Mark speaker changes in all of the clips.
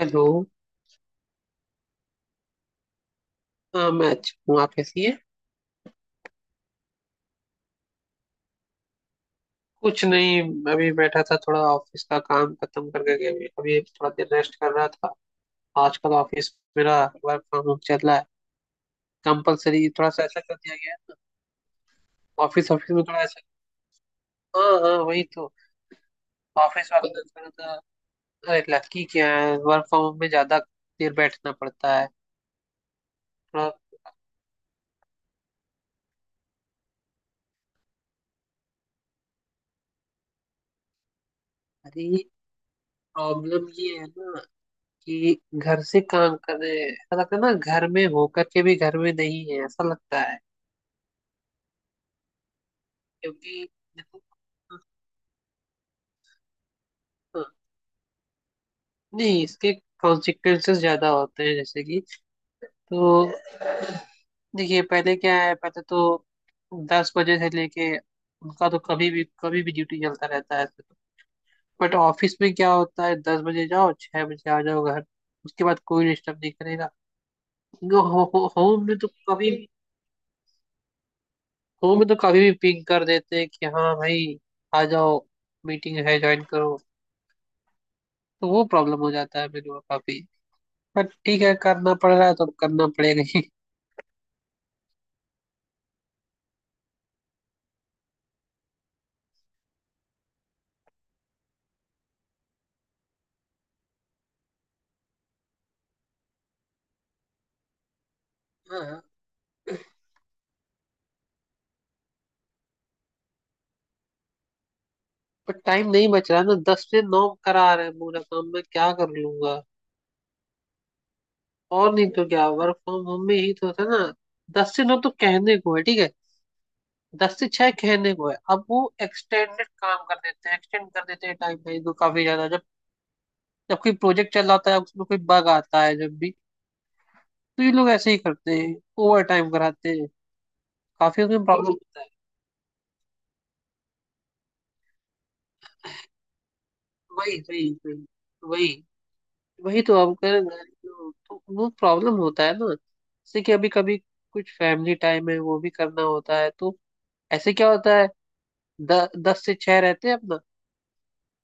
Speaker 1: Hello. हाँ, मैं अच्छी हूँ। आप कैसी हैं? कुछ नहीं, अभी बैठा था, थोड़ा ऑफिस का काम खत्म करके के अभी अभी थोड़ा देर रेस्ट कर रहा था। आजकल ऑफिस मेरा वर्क फ्रॉम होम चल रहा है। कंपलसरी थोड़ा सा ऐसा कर दिया गया है। ऑफिस ऑफिस में थोड़ा ऐसा। हाँ हाँ वही तो। ऑफिस वाले ने थोड़ा सा, अरे लड़की क्या है, वर्क फ्रॉम होम में ज्यादा देर बैठना पड़ता है थोड़ा। अरे प्रॉब्लम ये है ना कि घर से काम कर रहे हैं, ऐसा लगता है ना घर में होकर के भी घर में नहीं है ऐसा लगता है। क्योंकि देखो, हाँ, नहीं इसके कॉन्सिक्वेंसेस ज्यादा होते हैं, जैसे कि तो देखिए पहले क्या है। पहले तो 10 बजे से लेके उनका तो कभी भी कभी भी ड्यूटी चलता रहता है। बट ऑफिस में क्या होता है, 10 बजे जाओ, 6 बजे आ जाओ घर। उसके बाद कोई डिस्टर्ब नहीं करेगा क्योंकि होम में तो कभी, होम में तो कभी भी पिंग कर देते हैं कि हाँ भाई आ जाओ, मीटिंग है ज्वाइन करो। तो वो प्रॉब्लम हो जाता है मेरे को काफी। पर ठीक है करना पड़ रहा है तो अब करना पड़ेगा ही। हाँ, पर टाइम नहीं बच रहा है ना, 10 से 9 करा रहे हैं पूरा काम। मैं क्या कर लूंगा? और नहीं तो क्या, वर्क फ्रॉम होम में ही तो था ना। 10 से 9 तो कहने को है, ठीक है, 10 से 6 कहने को है, अब वो एक्सटेंडेड काम कर देते हैं, एक्सटेंड कर देते हैं टाइम लाइन को काफी ज्यादा। जब जब कोई प्रोजेक्ट चल रहा होता है उसमें कोई बग आता है जब भी, तो ये लोग ऐसे ही करते हैं, ओवर टाइम कराते हैं। काफी उसमें प्रॉब्लम होता है। वही वही वही वही। वही तो अब कर, तो वो प्रॉब्लम होता है ना, जैसे कि अभी कभी कुछ फैमिली टाइम है वो भी करना होता है, तो ऐसे क्या होता है, दस से छह रहते हैं अपना,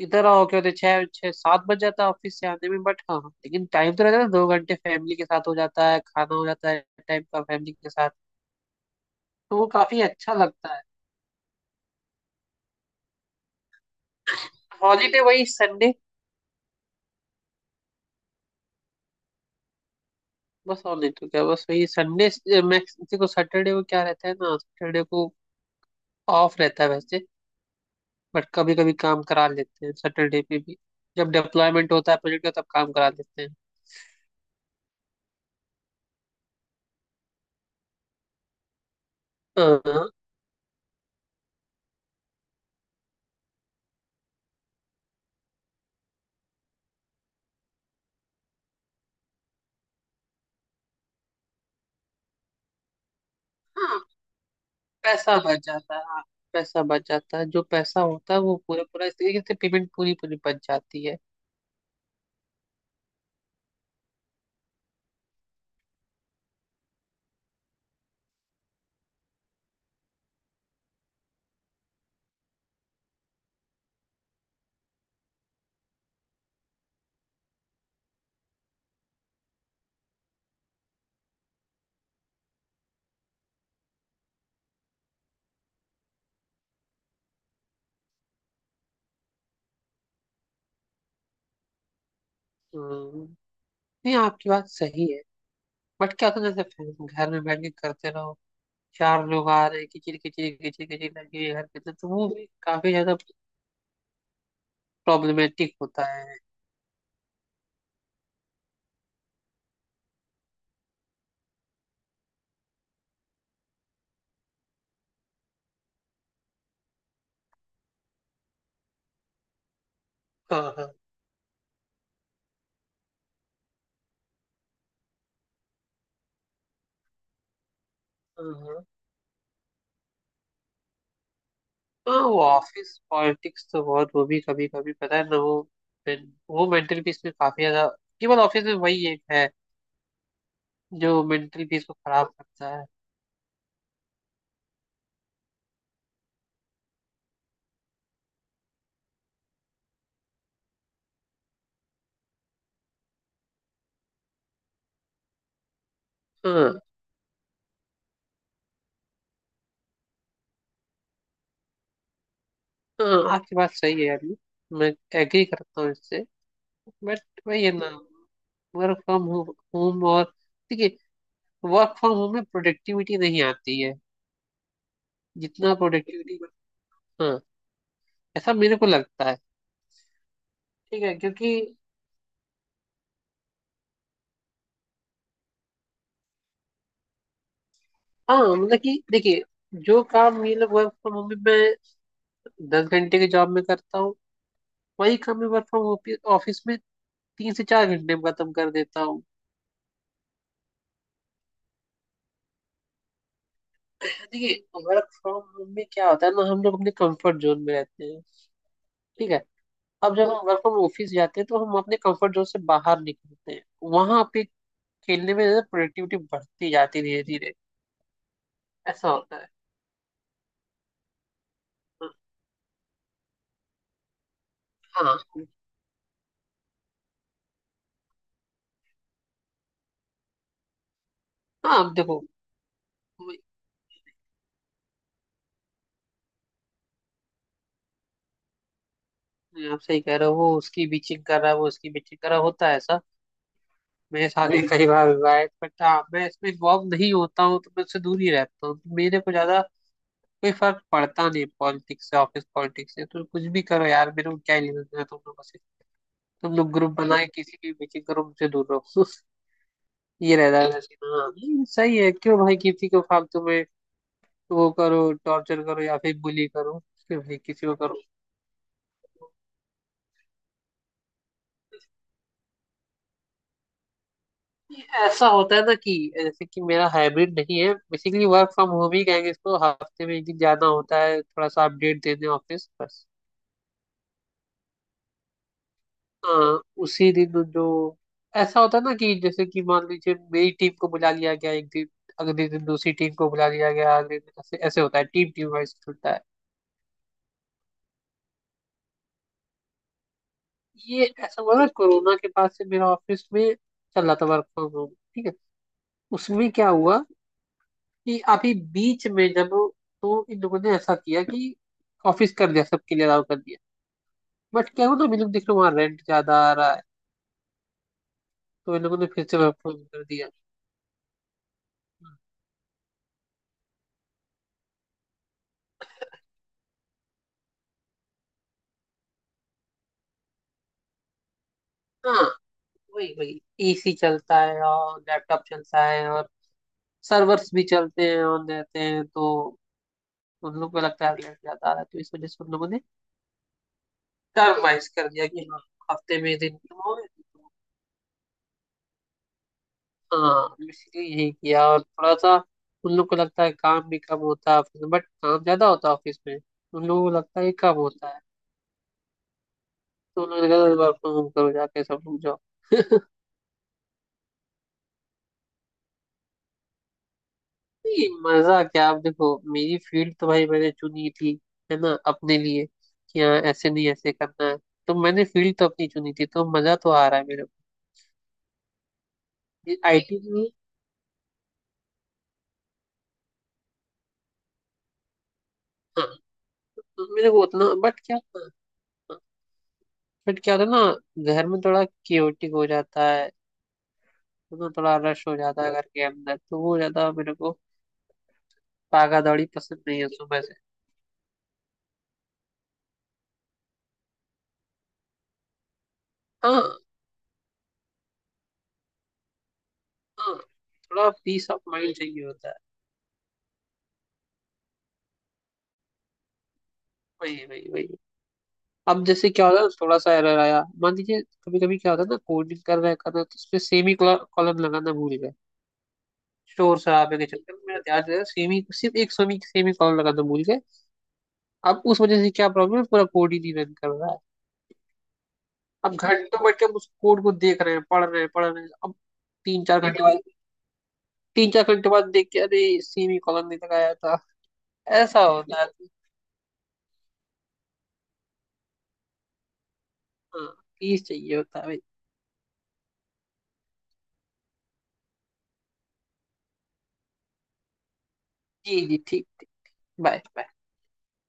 Speaker 1: इधर आओ क्या होते हैं, छह छह सात बज जाता है ऑफिस से आने में। बट हाँ हाँ, लेकिन टाइम तो रहता है ना, 2 घंटे फैमिली के साथ हो जाता है, खाना हो जाता है, टाइम का फैमिली के साथ। तो वो काफी अच्छा लगता है। हॉलीडे वही संडे। बस, और नहीं तो क्या, बस वही संडे। मैक्स को सैटरडे को क्या रहता है ना, सैटरडे को ऑफ रहता है वैसे। बट कभी कभी काम करा लेते हैं सैटरडे पे भी, जब डिप्लॉयमेंट होता है प्रोजेक्ट का, तब काम करा लेते हैं। हाँ हाँ, पैसा बच जाता है, हाँ पैसा बच जाता है। जो पैसा होता है वो पूरा पूरा इस तरीके से पेमेंट पूरी पूरी बच जाती है। हम्म, नहीं आपकी बात सही है। बट क्या होता है, जैसे फैन- घर में बैठ के करते रहो, चार लोग आ रहे हैं, किचिर किचिर किचिर किचिर लगी हुई है घर के अंदर, तो वो भी काफी ज्यादा प्रॉब्लमेटिक होता है। हाँ हाँ हाँ हाँ। हाँ वो ऑफिस पॉलिटिक्स तो बहुत, वो भी कभी कभी पता है ना वो, वो मेंटल पीस में काफी ज्यादा, केवल ऑफिस में वही एक है जो मेंटल पीस को खराब करता है। हाँ, हाँ आपकी बात सही है यार ये। मैं एग्री करता हूँ इससे। बट वही है ना, वर्क फ्रॉम होम और देखिए वर्क फ्रॉम होम में प्रोडक्टिविटी नहीं आती है, जितना प्रोडक्टिविटी, हाँ ऐसा मेरे को लगता है। ठीक है क्योंकि हाँ मतलब कि देखिए, जो काम ये लोग वर्क फ्रॉम होम में 10 घंटे की जॉब में करता हूँ वही काम मैं वर्क फ्रॉम ऑफिस में 3 से 4 घंटे में खत्म कर देता हूँ। देखिए वर्क फ्रॉम होम में क्या होता है ना, हम लोग अपने कंफर्ट जोन में रहते हैं, ठीक है, अब जब हम वर्क फ्रॉम ऑफिस जाते हैं तो हम अपने कंफर्ट जोन से बाहर निकलते हैं, वहां पे खेलने में प्रोडक्टिविटी बढ़ती जाती है धीरे धीरे। ऐसा होता है। हाँ हाँ अब देखो, आप सही कह रहे हो, वो उसकी बीचिंग कर रहा है, वो उसकी बीचिंग कर रहा है, होता है ऐसा। मेरे साथ भी कई बार हुआ है बट हाँ मैं इसमें इन्वॉल्व नहीं होता हूँ, तो मैं उससे दूर ही रहता हूँ, तो मेरे को ज्यादा कोई फर्क पड़ता नहीं पॉलिटिक्स से, ऑफिस पॉलिटिक्स से। तो कुछ भी करो यार, मेरे को क्या लेना देना तुम लोगों से। तुम लोग ग्रुप बनाए, किसी भी मीटिंग करो, मुझसे दूर रहो। ये रहता है वैसे। हाँ ये सही है, क्यों भाई किसी को फालतू में वो करो, टॉर्चर करो या फिर बुली करो। क्यों भाई किसी को करो। ये ऐसा होता है ना कि जैसे कि मेरा हाइब्रिड नहीं है, बेसिकली वर्क फ्रॉम होम ही कहेंगे इसको, हफ्ते में एक दिन जाना होता है, थोड़ा सा अपडेट देने ऑफिस बस। हाँ, उसी दिन जो ऐसा होता है ना कि जैसे कि मान लीजिए मेरी टीम को बुला लिया गया एक दिन, अगले दिन दूसरी टीम को बुला लिया गया, अगले दिन ऐसे ऐसे होता है, टीम टीम वाइज चलता है। ये ऐसा हुआ ना कोरोना के बाद से मेरा ऑफिस में चल रहा था वर्क फ्रॉम होम। ठीक है, उसमें क्या हुआ कि अभी बीच में जब, तो इन लोगों ने ऐसा किया कि ऑफिस कर दिया, सबके लिए अलाउ कर दिया। बट क्या हुआ ना, हम लोग देख रहे वहाँ रेंट ज्यादा आ रहा है, तो इन लोगों ने फिर से वर्क फ्रॉम कर दिया। हाँ वही वही, एसी चलता है और लैपटॉप चलता है और सर्वर्स भी चलते हैं, ऑन रहते हैं, तो उन लोग को लगता है रेंट ज्यादा आ रहा है, तो इस वजह से उन लोगों ने टर्माइज कर दिया कि हाँ, हफ्ते में दिन। हाँ इसीलिए यही किया, और थोड़ा सा उन लोग को लगता है काम भी कम होता है ऑफिस में, बट काम ज्यादा होता है ऑफिस में, उन लोगों को लगता है ये कम होता है। तो उन लोगों ने कहा वर्क फ्रॉम होम करो, जाके सब लोग जाओ। नहीं, मजा क्या, आप देखो मेरी फील्ड तो भाई मैंने चुनी थी, है ना अपने लिए, कि हाँ ऐसे नहीं ऐसे करना है। तो मैंने फील्ड तो अपनी चुनी थी, तो मजा तो आ रहा है मेरे को आईटी में। हाँ, तो मेरे को उतना, बट क्या, बट क्या होता है ना, घर में थोड़ा क्योटिक हो जाता है, उसमें बड़ा रश हो जाता है घर के अंदर, तो वो ज्यादा मेरे को भागा दौड़ी पसंद नहीं है सुबह से। हाँ हाँ थोड़ा पीस ऑफ माइंड चाहिए होता है। वही वही वही। अब जैसे क्या होता है, थोड़ा सा एरर आया, मान लीजिए कभी कभी क्या होता है ना, कोडिंग कर रहे तो उसमें सेमी कॉलम लगाना भूल गए। शोर शराबे के चक्कर में मेरा ध्यान जो है, सेमी सिर्फ एक सेमी सेमी कॉलम लगाना भूल गए, अब उस वजह से क्या प्रॉब्लम है, पूरा कोड ही नहीं रन कर रहा है। अब घंटों बैठ के हम उस कोड को देख रहे हैं, पढ़ रहे हैं पढ़ रहे हैं, अब 3-4 घंटे बाद, 3-4 घंटे बाद देख के अरे सेमी कॉलम नहीं लगाया था। ऐसा होता है। हाँ प्लीज चाहिए होता है भाई। जी जी ठीक ठीक। Bye bye.